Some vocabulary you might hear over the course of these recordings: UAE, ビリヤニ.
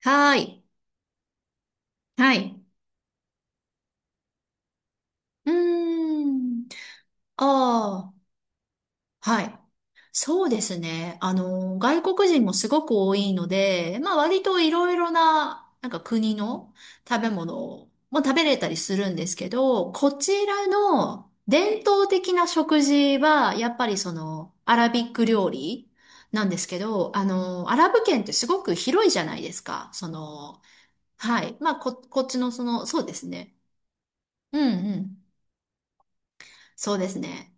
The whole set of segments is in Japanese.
はい。はい。うーん。ああ、はい。そうですね。外国人もすごく多いので、まあ割といろいろな、なんか国の食べ物も食べれたりするんですけど、こちらの伝統的な食事は、やっぱりアラビック料理なんですけど、アラブ圏ってすごく広いじゃないですか。はい。まあ、こっちのそうですね。うんうん。そうですね。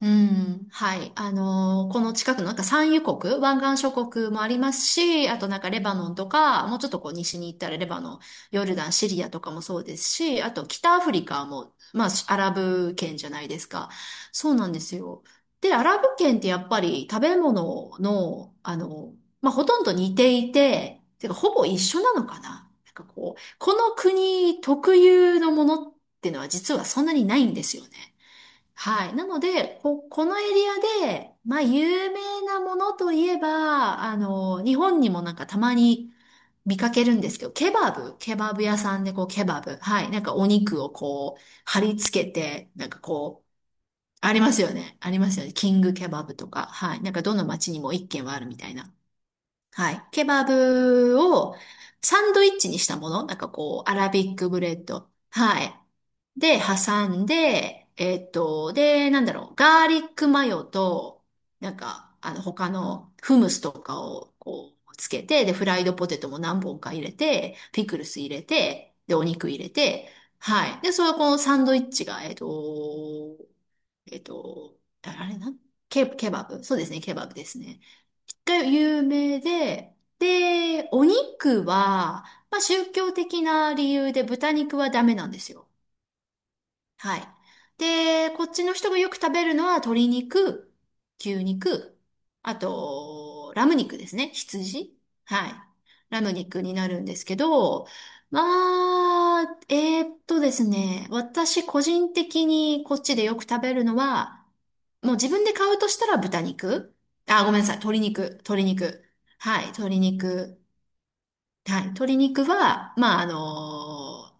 うん、はい。この近くのなんか産油国、湾岸諸国もありますし、あとなんかレバノンとか、もうちょっとこう西に行ったらレバノン、ヨルダン、シリアとかもそうですし、あと北アフリカも、まあアラブ圏じゃないですか。そうなんですよ。で、アラブ圏ってやっぱり食べ物の、まあほとんど似ていて、てかほぼ一緒なのかな。なんかこう、この国特有のものってのは実はそんなにないんですよね。はい。なので、このエリアで、まあ、有名なものといえば、日本にもなんかたまに見かけるんですけど、ケバブ、ケバブ屋さんでこう、ケバブ、はい。なんかお肉をこう、貼り付けて、なんかこう、ありますよね。ありますよね。キングケバブとか、はい。なんかどの街にも一軒はあるみたいな。はい。ケバブをサンドイッチにしたもの。なんかこう、アラビックブレッド。はい。で、挟んで、で、なんだろう、ガーリックマヨと、なんか、他のフムスとかをこう、つけて、で、フライドポテトも何本か入れて、ピクルス入れて、で、お肉入れて、はい。で、そのこのサンドイッチが、えっと、ああれなんケバブそうですね、ケバブですね。が有名で、で、お肉は、まあ、宗教的な理由で豚肉はダメなんですよ。はい。で、こっちの人がよく食べるのは鶏肉、牛肉、あと、ラム肉ですね。羊。はい。ラム肉になるんですけど、まあ、ですね、私個人的にこっちでよく食べるのは、もう自分で買うとしたら豚肉。あ、ごめんなさい。鶏肉。鶏肉。はい。鶏肉。はい。鶏肉は、まあ、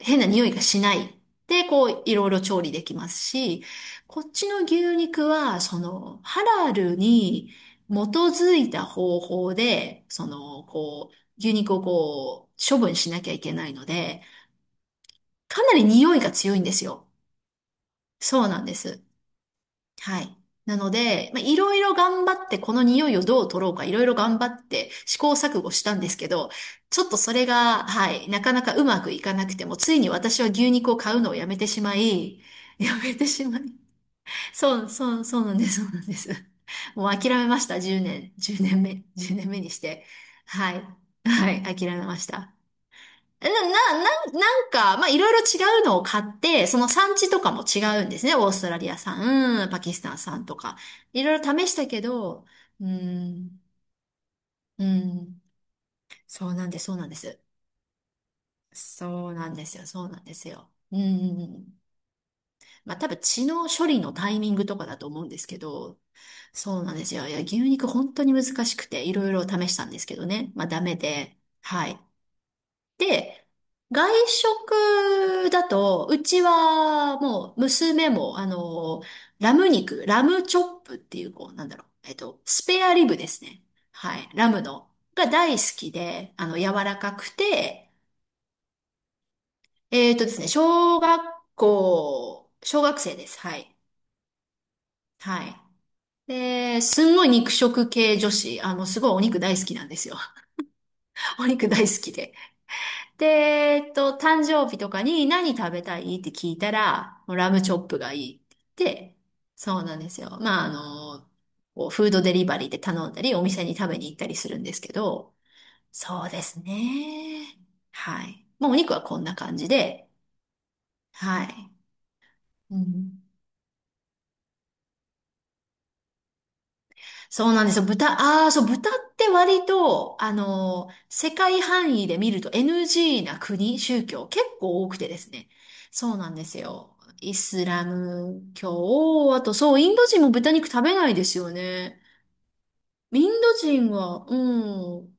変な匂いがしない。で、こう、いろいろ調理できますし、こっちの牛肉は、ハラルに基づいた方法で、こう、牛肉をこう、処分しなきゃいけないので、かなり匂いが強いんですよ。そうなんです。はい。なので、まあ、いろいろ頑張って、この匂いをどう取ろうか、いろいろ頑張って試行錯誤したんですけど、ちょっとそれが、はい、なかなかうまくいかなくても、ついに私は牛肉を買うのをやめてしまい、やめてしまい、そう、そう、そうなんです、そうなんです。もう諦めました、10年、10年目、1年目にして。はい、はい、諦めました。な、な、なんか、まあ、いろいろ違うのを買って、その産地とかも違うんですね。オーストラリア産、うんパキスタン産とか。いろいろ試したけど、うん、うん、そうなんです、そうなんです。そうなんですよ、そうなんですよ。うんうんうん。まあ、多分血の処理のタイミングとかだと思うんですけど、そうなんですよ。いや、牛肉本当に難しくて、いろいろ試したんですけどね。まあ、ダメで。はい。で、外食だと、うちはもう娘も、ラム肉、ラムチョップっていう、こう、なんだろう、スペアリブですね。はい、ラムの。が大好きで、柔らかくて、えっとですね、小学校、小学生です。はい。はい。で、すんごい肉食系女子、すごいお肉大好きなんですよ。お肉大好きで。で、誕生日とかに何食べたいって聞いたら、もうラムチョップがいいって言って、そうなんですよ。まあ、の、こうフードデリバリーで頼んだり、お店に食べに行ったりするんですけど、そうですね。はい。もうお肉はこんな感じで、はい。うんそうなんですよ。豚、ああ、そう、豚って割と、世界範囲で見ると NG な国、宗教結構多くてですね。そうなんですよ。イスラム教、あとそう、インド人も豚肉食べないですよね。インド人は、うん、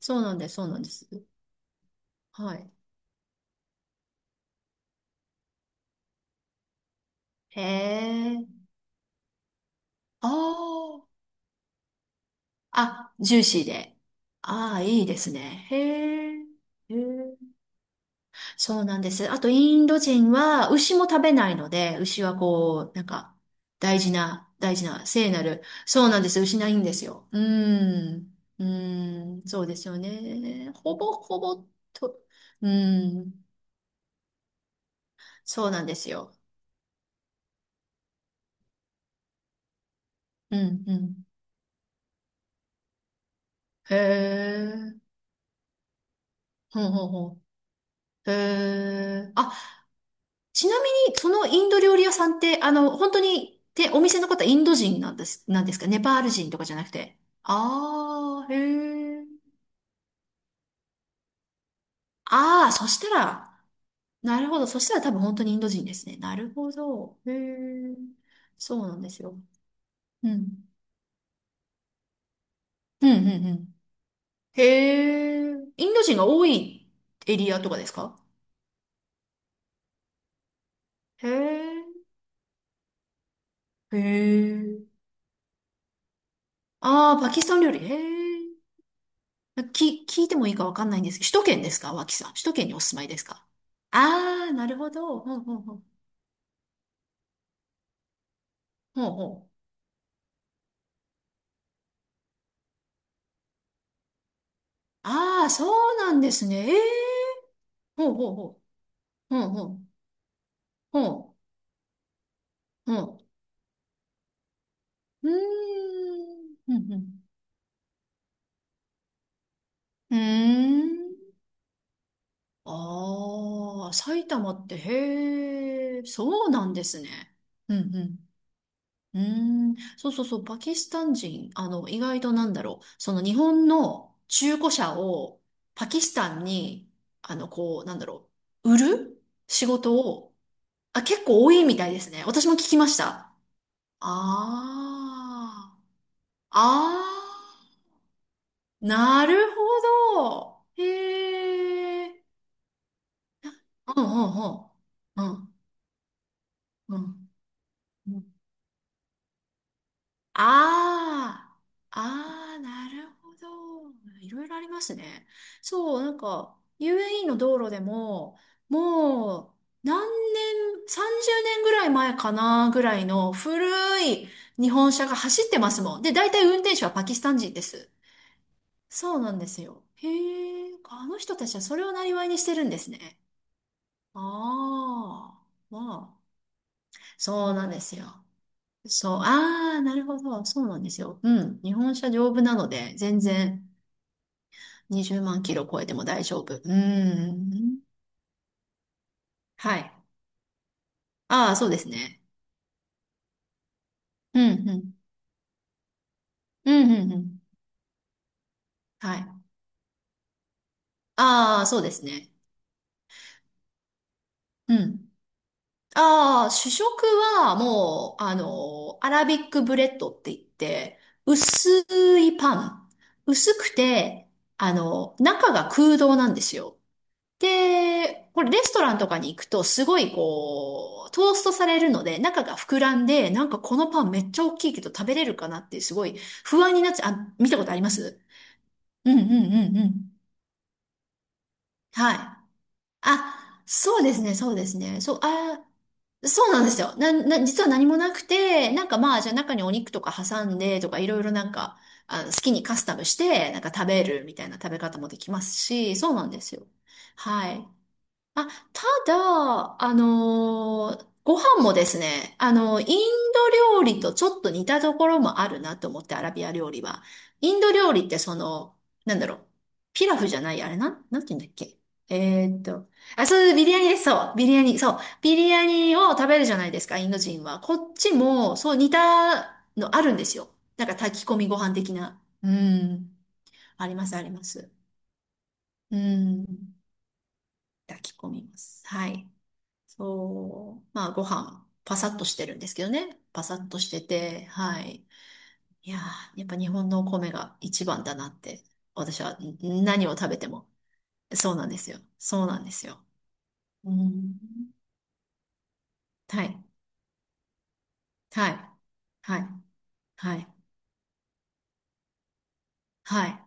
そうなんです、そうなんです。はい。へえ、ああ、あ、ジューシーで。ああ、いいですね。へえ、へえ。そうなんです。あと、インド人は牛も食べないので、牛はこう、なんか、大事な、大事な、聖なる。そうなんです。牛ないんですよ。うーん。うーん。そうですよね。ほぼほぼと、うーん。そうなんですよ。うん、うん。へえ。ほうほうほう。へえ。あ、ちなみに、そのインド料理屋さんって、本当に、で、お店の方、インド人なんです、なんですかネパール人とかじゃなくて。ああ、へえ。ああ、そしたら、なるほど。そしたら多分本当にインド人ですね。なるほど。へえ。そうなんですよ。うん。うん、うん、うん。へえ。インド人が多いエリアとかですかへえ。へえ。ああ、パキスタン料理。へえ。聞いてもいいかわかんないんですけど、首都圏ですか脇さん。首都圏にお住まいですかああー、なるほど。ほうほうほう。ほうほう。ああ、そうなんですね。ええ。ほうほうほう。ほうほう。ほう。ほううーん。うんうん。うーん。ああ、埼玉って、へえ、そうなんですね。うんうん。うーん。そうそうそう、パキスタン人、意外となんだろう。その日本の中古車をパキスタンに、こう、なんだろう。売る仕事を、あ、結構多いみたいですね。私も聞きました。ああ、ああ。なるほど。へえ。うんうんうん。うんうんうん。ああ。ああ、なるほど。いろいろありますね。そう、なんか、UAE の道路でも、もう、何年、30年ぐらい前かな、ぐらいの古い日本車が走ってますもん。で、大体運転手はパキスタン人です。そうなんですよ。へえ。あの人たちはそれを生りにしてるんですね。ああ、まあ、そうなんですよ。そう、ああ、なるほど、そうなんですよ。うん、日本車丈夫なので、全然20万キロ超えても大丈夫。うん、はい。ああ、そうですね。うん、うん、うん、うん、うん。はい。ああ、そうですね。うん。ああ、主食はもう、アラビックブレッドって言って、薄いパン。薄くて、中が空洞なんですよ。で、これレストランとかに行くとすごいこう、トーストされるので中が膨らんで、なんかこのパンめっちゃ大きいけど食べれるかなってすごい不安になっちゃう。あ、見たことありますうんうんうんうん。はい。あ、そうですね、そうですね。そう、あ、そうなんですよ。実は何もなくて、なんかまあ、じゃあ中にお肉とか挟んでとかいろいろなんか、あ、好きにカスタムして、なんか食べるみたいな食べ方もできますし、そうなんですよ。はい。あ、ただ、ご飯もですね、インド料理とちょっと似たところもあるなと思って、アラビア料理は。インド料理ってなんだろう、ピラフじゃない、あれなん、なんて言うんだっけ。えーっと、あ、そう、ビリヤニです、そう、ビリヤニ、そう、ビリヤニを食べるじゃないですか、インド人は。こっちも、そう、似たのあるんですよ。なんか炊き込みご飯的な。うん、あります、あります。うん、炊き込みます。はい。そう、まあご飯、パサッとしてるんですけどね。パサッとしてて、はい。いやー、やっぱ日本のお米が一番だなって、私はん何を食べても。そうなんですよ。そうなんですよ。うん。はい。はい。はい。はい。は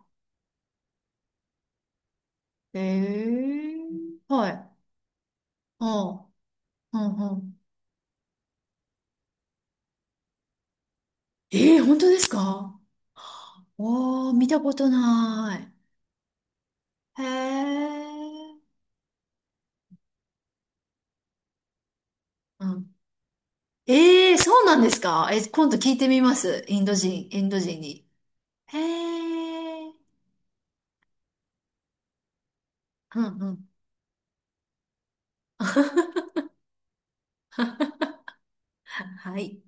い。えー、はい。うん。うん。うん。えー、本当ですかおー、見たことない。へえうんええそうなんですかえ、今度聞いてみます。インド人、インド人に。へえ。うんうん。はい。